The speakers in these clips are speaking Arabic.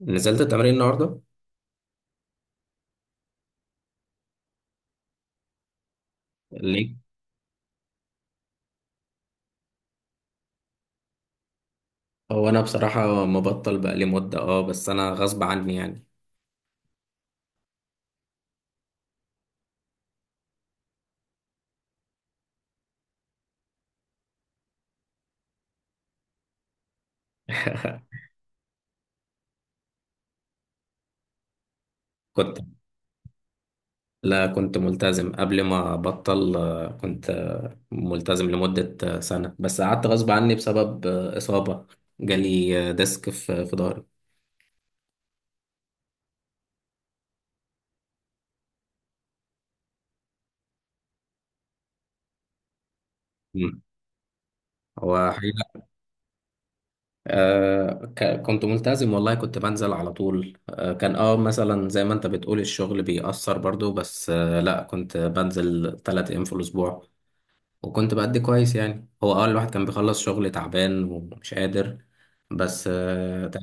نزلت التمرين النهارده؟ ليه؟ هو انا بصراحه مبطل بقالي مده بس انا غصب عني يعني. كنت. لا، كنت ملتزم قبل ما ابطل، كنت ملتزم لمده سنه، بس قعدت غصب عني بسبب اصابه جالي ديسك في ظهري. مم. هو حقيقة. كنت ملتزم والله، كنت بنزل على طول. كان مثلا زي ما انت بتقول الشغل بيأثر برضو، بس لا كنت بنزل 3 ايام في الاسبوع، وكنت بأدي كويس يعني. هو أول واحد كان بيخلص شغل تعبان ومش قادر، بس ده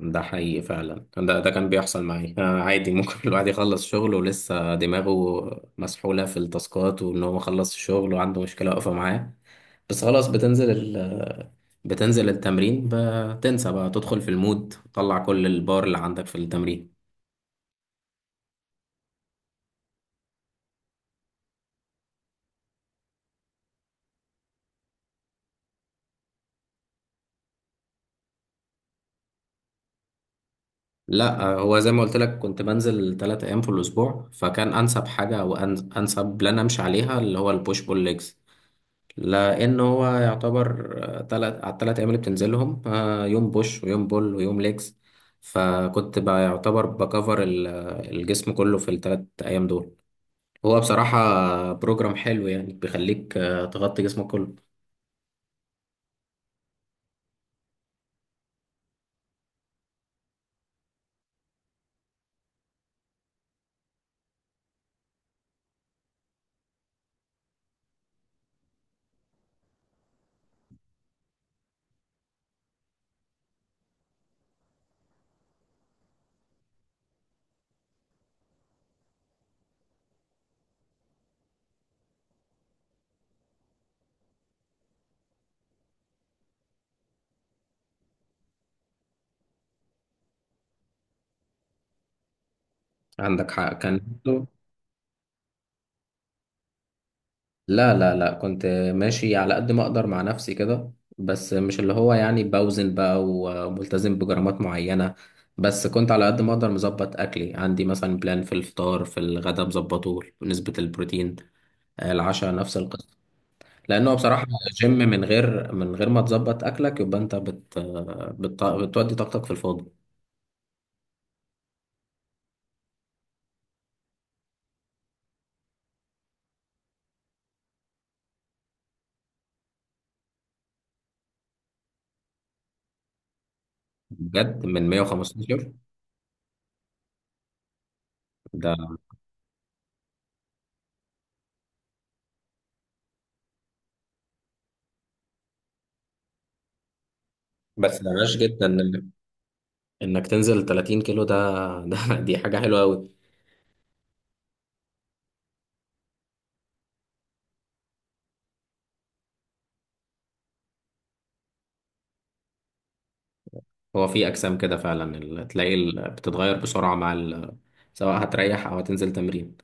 ده حقيقي فعلا، ده كان بيحصل معي. عادي ممكن الواحد يخلص شغل ولسه دماغه مسحولة في التاسكات، وإن هو خلص الشغل وعنده مشكلة واقفة معاه. بس خلاص، بتنزل بتنزل التمرين، بتنسى بقى، تدخل في المود، تطلع كل البار اللي عندك في التمرين. لا، هو زي ما قلت لك كنت بنزل 3 أيام في الأسبوع، فكان أنسب حاجة وأنسب بلان أمشي عليها اللي هو البوش بول ليجز، لان هو يعتبر تلات على التلات ايام اللي بتنزلهم، يوم بوش ويوم بول ويوم ليجز. فكنت بقى يعتبر بكفر الجسم كله في التلات ايام دول. هو بصراحة بروجرام حلو يعني، بيخليك تغطي جسمك كله. عندك حق كان. لا لا لا، كنت ماشي على قد ما اقدر مع نفسي كده، بس مش اللي هو يعني بوزن بقى وملتزم بجرامات معينة. بس كنت على قد ما اقدر مظبط اكلي. عندي مثلا بلان في الفطار، في الغدا مظبطه نسبة البروتين، العشاء نفس القصة. لانه بصراحة جيم من غير ما تظبط اكلك، يبقى انت بت بت بتودي طاقتك في الفاضي. بجد، من 115 ده؟ بس ده ماشي جدا. انك تنزل 30 كيلو، ده ده دي حاجة حلوة قوي. هو في اجسام كده فعلا، تلاقي بتتغير بسرعه مع سواء هتريح او هتنزل تمرين.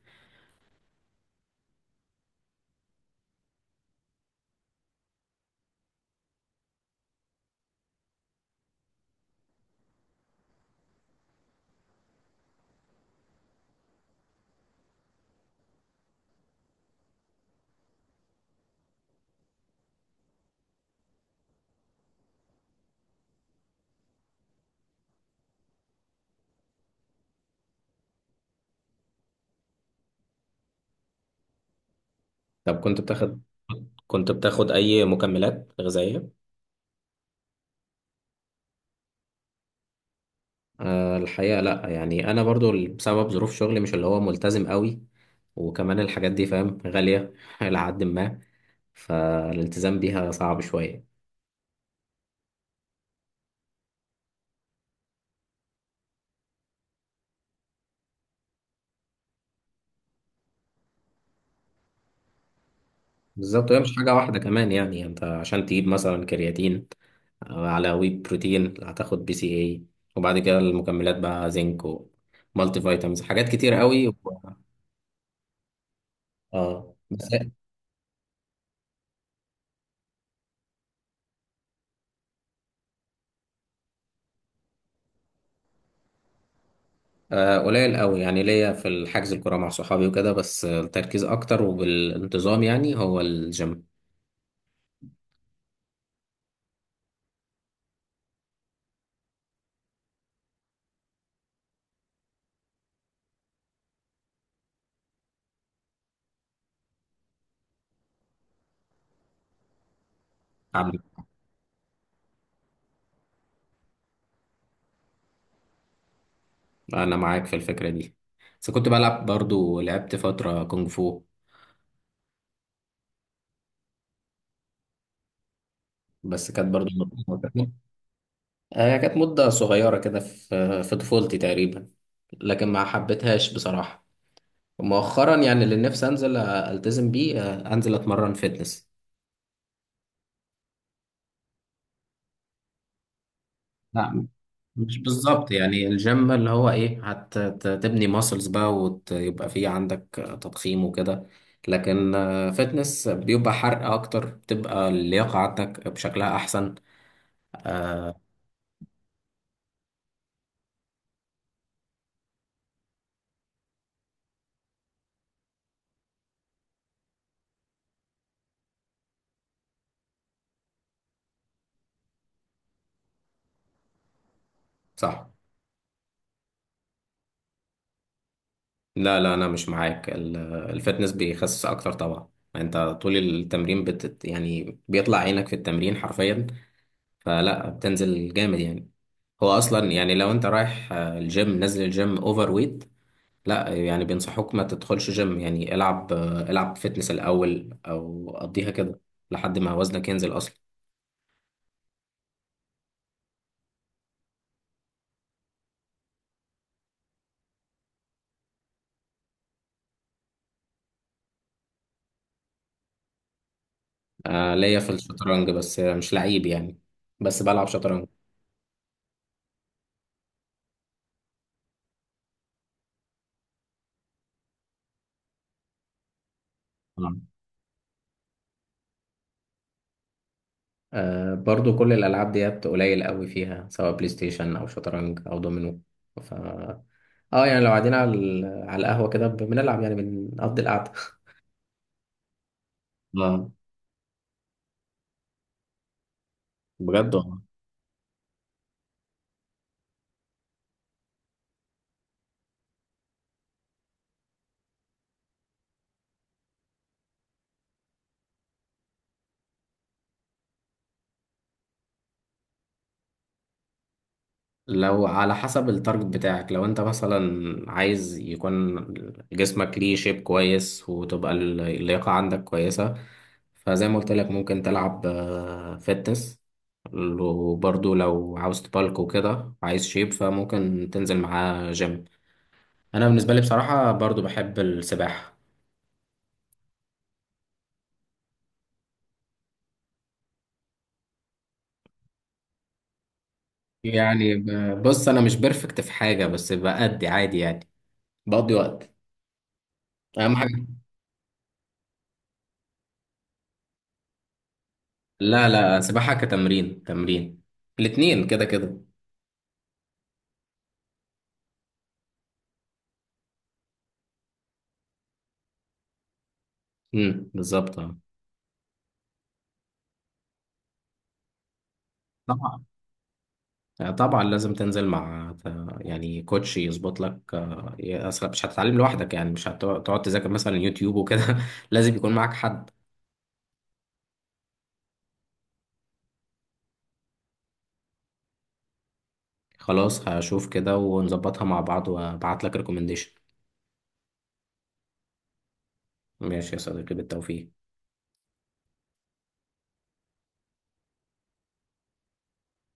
طب كنت بتاخد اي مكملات غذائيه؟ أه، الحقيقه لا يعني. انا برضو بسبب ظروف شغلي مش اللي هو ملتزم قوي، وكمان الحاجات دي فاهم غاليه الى حد ما، فالالتزام بيها صعب شويه. بالظبط، هي مش حاجة واحدة كمان يعني انت عشان تجيب مثلا كرياتين على وي بروتين، هتاخد BCAA، وبعد كده المكملات بقى زنك ومالتي فيتامينز، حاجات كتير قوي اه بس. قليل قوي يعني، ليا في الحجز الكرة مع صحابي وكده، بس التركيز اكتر وبالانتظام يعني هو الجيم. عم- انا معاك في الفكرة دي، بس كنت بلعب، برضو لعبت فترة كونغ فو، بس كانت برضو، هي كانت مدة صغيرة كده في طفولتي تقريبا، لكن ما حبيتهاش بصراحة. مؤخرا يعني اللي نفسي أنزل، ألتزم بيه، أنزل أتمرن فيتنس. لا، مش بالظبط يعني. الجيم اللي هو إيه، هتبني ماسلز بقى، ويبقى فيه عندك تضخيم وكده، لكن فيتنس بيبقى حرق أكتر، بتبقى اللياقة عندك بشكلها أحسن. آه، صح. لا لا، انا مش معاك. الفتنس بيخسس اكتر طبعا. انت طول التمرين يعني بيطلع عينك في التمرين حرفيا، فلا، بتنزل جامد يعني. هو اصلا يعني لو انت رايح الجيم، نازل الجيم اوفر ويت، لا يعني بينصحوك ما تدخلش جيم. يعني العب فتنس الاول او قضيها كده لحد ما وزنك ينزل اصلا. ليا في الشطرنج بس مش لعيب يعني، بس بلعب شطرنج. برضو كل الألعاب ديت قليل قوي فيها، سواء بلاي ستيشن أو شطرنج أو دومينو. ف اه يعني لو قاعدين على على القهوة كده بنلعب يعني، بنقضي القعدة. اه، بجد والله. لو على حسب التارجت بتاعك، لو انت مثلا عايز يكون جسمك ليه شيب كويس وتبقى اللياقة عندك كويسة، فزي ما قلت لك ممكن تلعب فتنس، وبرضو لو عاوز تبالك وكده، عايز شيب، فممكن تنزل معاه جيم. انا بالنسبه لي بصراحه برضو بحب السباحه. يعني بص، انا مش بيرفكت في حاجه بس بأدي عادي يعني، بقضي وقت، اهم حاجه. لا لا، سباحه كتمرين، تمرين، الاتنين كده كده. بالظبط آه. طبعا. طبعا لازم تنزل مع يعني كوتش يظبط لك، اصلا مش هتتعلم لوحدك يعني. مش هتقعد تذاكر مثلا يوتيوب وكده. لازم يكون معاك حد. خلاص، هشوف كده ونظبطها مع بعض وابعت لك ريكومنديشن. ماشي يا صديقي، بالتوفيق.